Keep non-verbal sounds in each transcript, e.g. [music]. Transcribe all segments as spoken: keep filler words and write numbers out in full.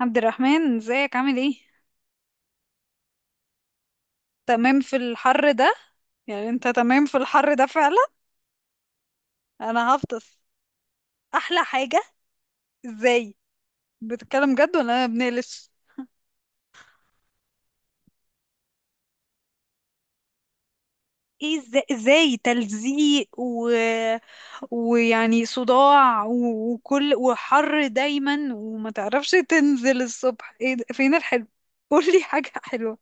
عبد الرحمن، ازيك؟ عامل ايه؟ تمام في الحر ده؟ يعني انت تمام في الحر ده فعلا؟ انا هفطس. احلى حاجة؟ ازاي؟ بتتكلم جد ولا انا بنقلش؟ ايه ازاي, ازاي تلزيق و... ويعني صداع و- وكل وحر دايما، وما تعرفش تنزل الصبح، ايه ده؟ فين الحلو؟ [laughs] قولي حاجة حلوة.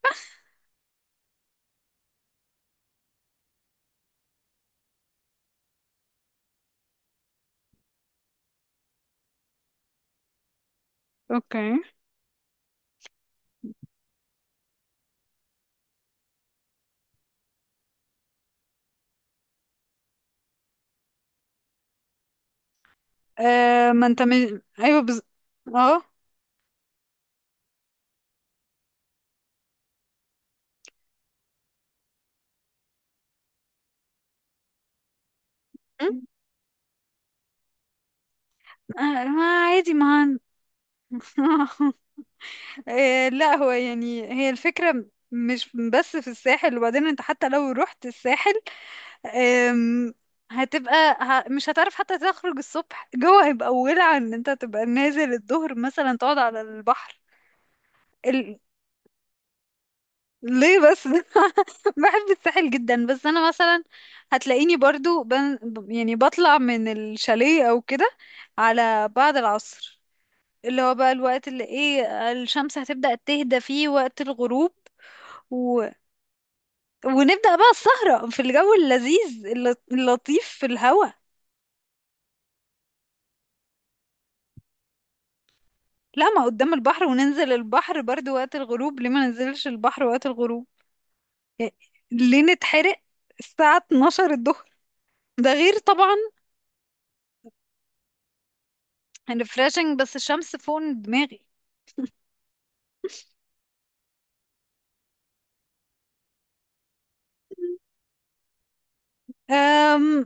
اوكي. آه، ما انت من... ايوه، بز... اه. م؟ آه، ما عادي ما. [laughs] إيه، لا هو يعني هي الفكرة م- مش بس في الساحل، وبعدين انت حتى لو رحت الساحل، أم، هتبقى ه... مش هتعرف حتى تخرج الصبح، جوه هيبقى ولع ان انت تبقى نازل الظهر مثلا تقعد على البحر. ال... ليه بس؟ [laughs] بحب الساحل جدا، بس انا مثلا هتلاقيني برضو بن... ب- يعني بطلع من الشاليه او كده على بعد العصر، اللي هو بقى الوقت اللي ايه الشمس هتبدأ تهدى فيه وقت الغروب، ونبدأ بقى السهرة في الجو اللذيذ الل- اللطيف في الهوا. لا، ما قدام البحر وننزل البحر برضو وقت الغروب، ليه ما ننزلش البحر وقت الغروب؟ يعني ليه نتحرق الساعة اثنا عشر الظهر؟ ده غير طبعا. الريفراشنج بس الشمس فوق دماغي. أم...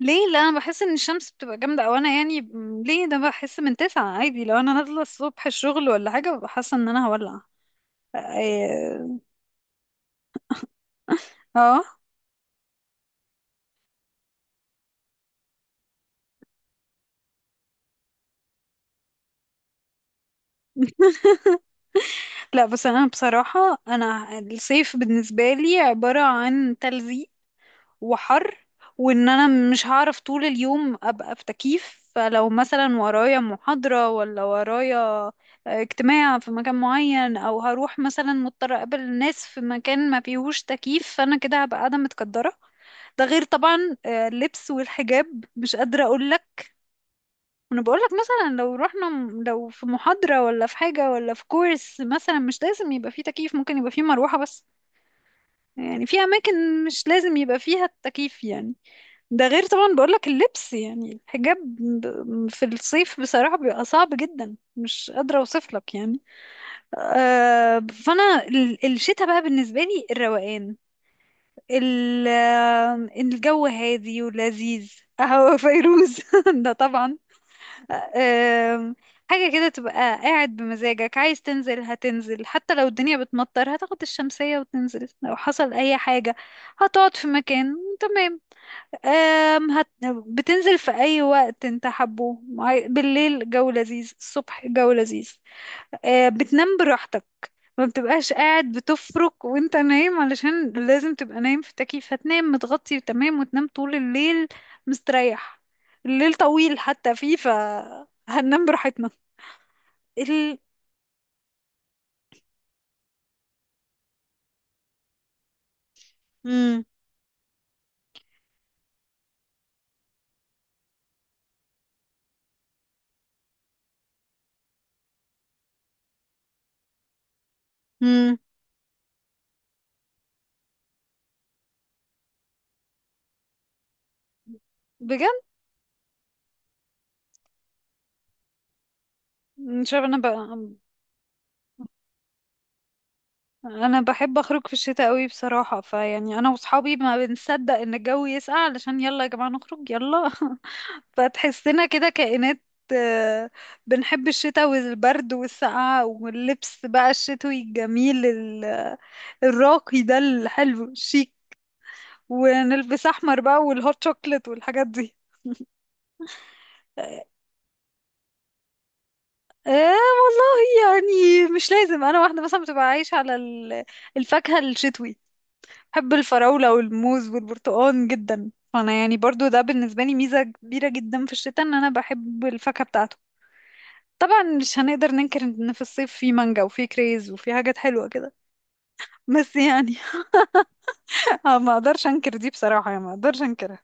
ليه؟ لا، انا بحس ان الشمس بتبقى جامدة، او انا يعني م- ليه ده؟ بحس من تسعة عادي، لو انا نازلة الصبح الشغل ولا حاجة ببقى حاسة ان انا هولع. اه. آه. [laughs] لا، بس انا بصراحة انا الصيف بالنسبة لي عبارة عن تلزيق وحر، وان انا مش هعرف طول اليوم ابقى في تكييف. فلو مثلا ورايا محاضرة ولا ورايا آه، اجتماع في مكان معين، او هروح مثلا مضطرة اقابل ناس في مكان ما فيهوش تكييف، فانا كده هبقى قاعدة متكدرة. ده غير طبعا آه، اللبس والحجاب مش قادرة اقولك. وانا بقولك مثلا لو رحنا م- لو في محاضرة ولا في حاجة ولا في كورس مثلا مش لازم يبقى فيه تكييف، ممكن يبقى فيه مروحة بس. يعني في اماكن مش لازم يبقى فيها التكييف يعني. ده غير طبعا بقولك اللبس، يعني الحجاب ب- في الصيف بصراحة بيبقى صعب جدا، مش قادرة اوصفلك يعني. آه، فانا ال- الشتاء بقى بالنسبة لي الروقان، ال- آه، الجو هادي ولذيذ. قهوة فيروز. [laughs] ده طبعا. أم، حاجة كده تبقى قاعد بمزاجك، عايز تنزل هتنزل، حتى لو الدنيا بتمطر هتاخد الشمسية وتنزل، لو حصل أي حاجة هتقعد في مكان. تمام. أم هت... بتنزل في أي وقت انت حبه، مع- بالليل جو لذيذ، الصبح جو لذيذ، آه، بتنام براحتك، ما بتبقاش قاعد بتفرك وانت نايم علشان لازم تبقى نايم في التكييف. هتنام متغطي تمام، وتنام طول الليل مستريح. الليل طويل حتى فيه، فهننام براحتنا. ال... مم. مم. بجد. مش عارفة انا ب... انا بحب اخرج في الشتاء قوي بصراحة. فيعني انا واصحابي ما بنصدق ان الجو يسقع علشان يلا يا جماعة نخرج، يلا. [laughs] فتحسنا كده كائنات، آه، بنحب الشتاء والبرد والسقعة واللبس بقى الشتوي الجميل، ال- الراقي ده الحلو الشيك، ونلبس أحمر بقى، والهوت شوكليت، والحاجات دي. آه والله، يعني مش لازم. أنا واحدة مثلا بتبقى عايشة على ال- الفاكهة الشتوي، بحب الفراولة والموز والبرتقال جدا. فأنا يعني برضو ده بالنسبة لي ميزة كبيرة جدا في الشتاء، إن أنا بحب الفاكهة بتاعته. طبعا مش هنقدر ننكر ان في الصيف في مانجا وفي كريز وفي حاجات حلوة كده، بس يعني. [laughs] آه، ما اقدرش انكر دي بصراحة، يعني ما اقدرش انكرها.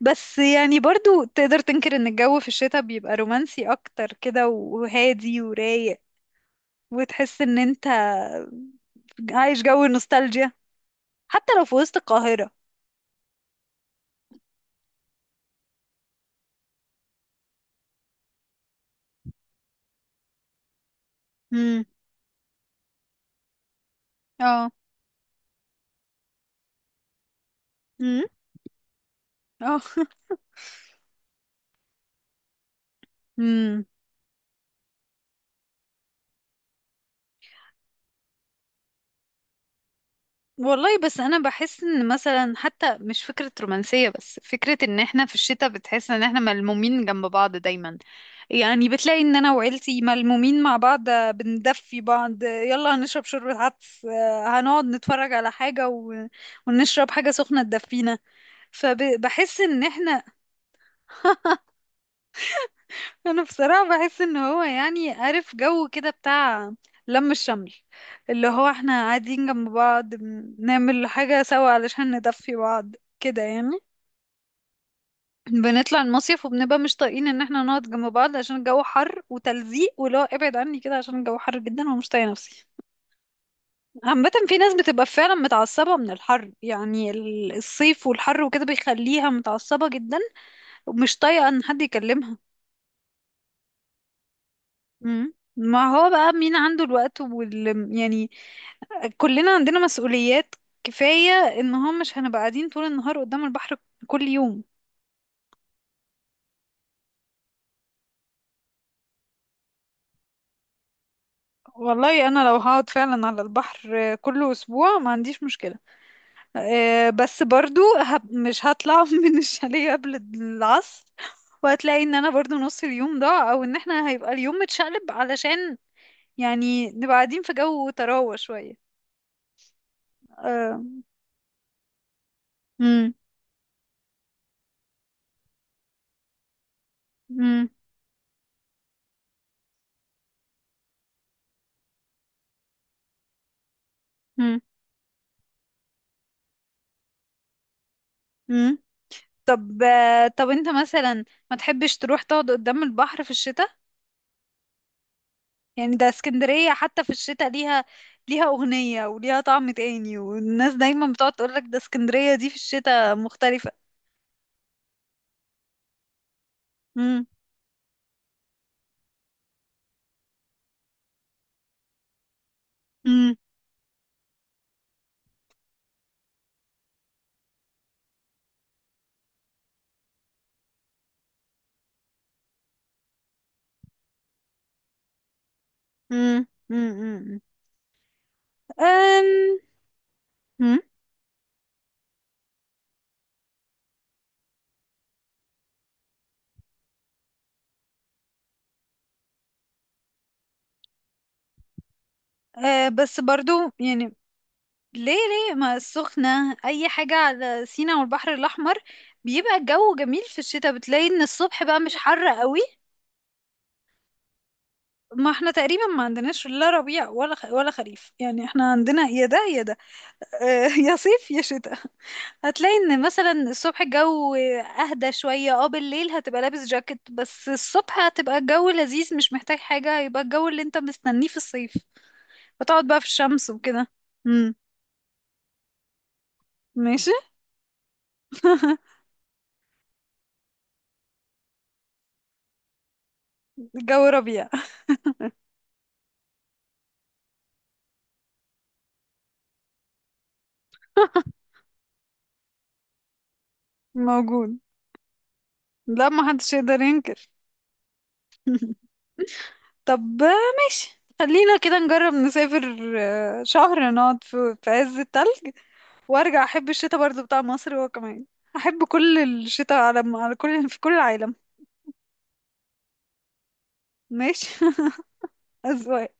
بس يعني برضو تقدر تنكر ان الجو في الشتاء بيبقى رومانسي اكتر كده وهادي ورايق، وتحس ان انت عايش جو النوستالجيا حتى لو في وسط القاهرة. امم. اه. امم. اه. [laughs] امم. والله بس انا بحس ان مثلا حتى مش فكرة رومانسية بس فكرة ان احنا في الشتاء بتحس ان احنا ملمومين جنب بعض دايما. يعني بتلاقي ان انا وعيلتي ملمومين مع بعض، آه، بندفي بعض، آه، يلا هنشرب شوربة عدس، آه، هنقعد نتفرج على حاجة و... ونشرب حاجة سخنة تدفينا. فبحس ان احنا، انا بصراحة بحس ان هو يعني عارف جو كده بتاع لم الشمل، اللي هو احنا قاعدين جنب بعض بنعمل حاجة سوا علشان ندفي بعض كده يعني. بنطلع المصيف وبنبقى مش طايقين ان احنا نقعد جنب بعض عشان الجو حر وتلزيق، ولو ابعد عني كده عشان الجو حر جدا ومش طايقة نفسي. عامة في ناس بتبقى فعلا متعصبة من الحر، يعني ال- الصيف والحر وكده بيخليها متعصبة جدا، ومش طايقة ان حد يكلمها. مم. ما هو بقى مين عنده الوقت وال يعني، كلنا عندنا مسؤوليات. كفاية ان هم مش هنبقى قاعدين طول النهار قدام البحر كل يوم. والله انا لو هقعد فعلا على البحر كل اسبوع ما عنديش مشكلة، آه، بس برضو هب- مش هطلع [laughs] من الشاليه قبل العصر، وهتلاقي ان انا برضو نص اليوم ضاع، او ان احنا هيبقى اليوم متشقلب علشان يعني نبقى قاعدين في جو طراوة شوية. آه. مم. مم. مم. مم. طب آه، طب انت مثلا ما تحبش تروح تقعد قدام البحر في الشتاء؟ يعني ده اسكندرية حتى في الشتاء ليها، ليها أغنية وليها طعم تاني، والناس دايما بتقعد تقولك ده اسكندرية دي في الشتاء مختلفة. مم. مم. مم. مم. مم. أم. مم. أه بس برضو يعني ليه؟ ليه ما السخنة أي حاجة على سينا والبحر الأحمر بيبقى الجو جميل في الشتاء؟ بتلاقي إن الصبح بقى مش حر قوي. ما احنا تقريبا ما عندناش لا ربيع ولا خ... ولا خريف، يعني احنا عندنا يا ده يا ده، آه، يا صيف يا شتاء. هتلاقي ان مثلا الصبح الجو اهدى شوية، اه، بالليل هتبقى لابس جاكيت بس الصبح هتبقى الجو لذيذ مش محتاج حاجة، هيبقى الجو اللي انت مستنيه في الصيف، فتقعد بقى في الشمس وكده. امم. ماشي. [laughs] الجو ربيع موجود. لا، ما حدش يقدر ينكر. [laughs] طب آه، ماشي، خلينا كده نجرب نسافر آه، شهر، نقعد في في عز التلج، وارجع احب الشتاء برضو بتاع مصر هو كمان. احب كل الشتاء على على كل، في كل العالم. ماشي. [laughs] اذواق.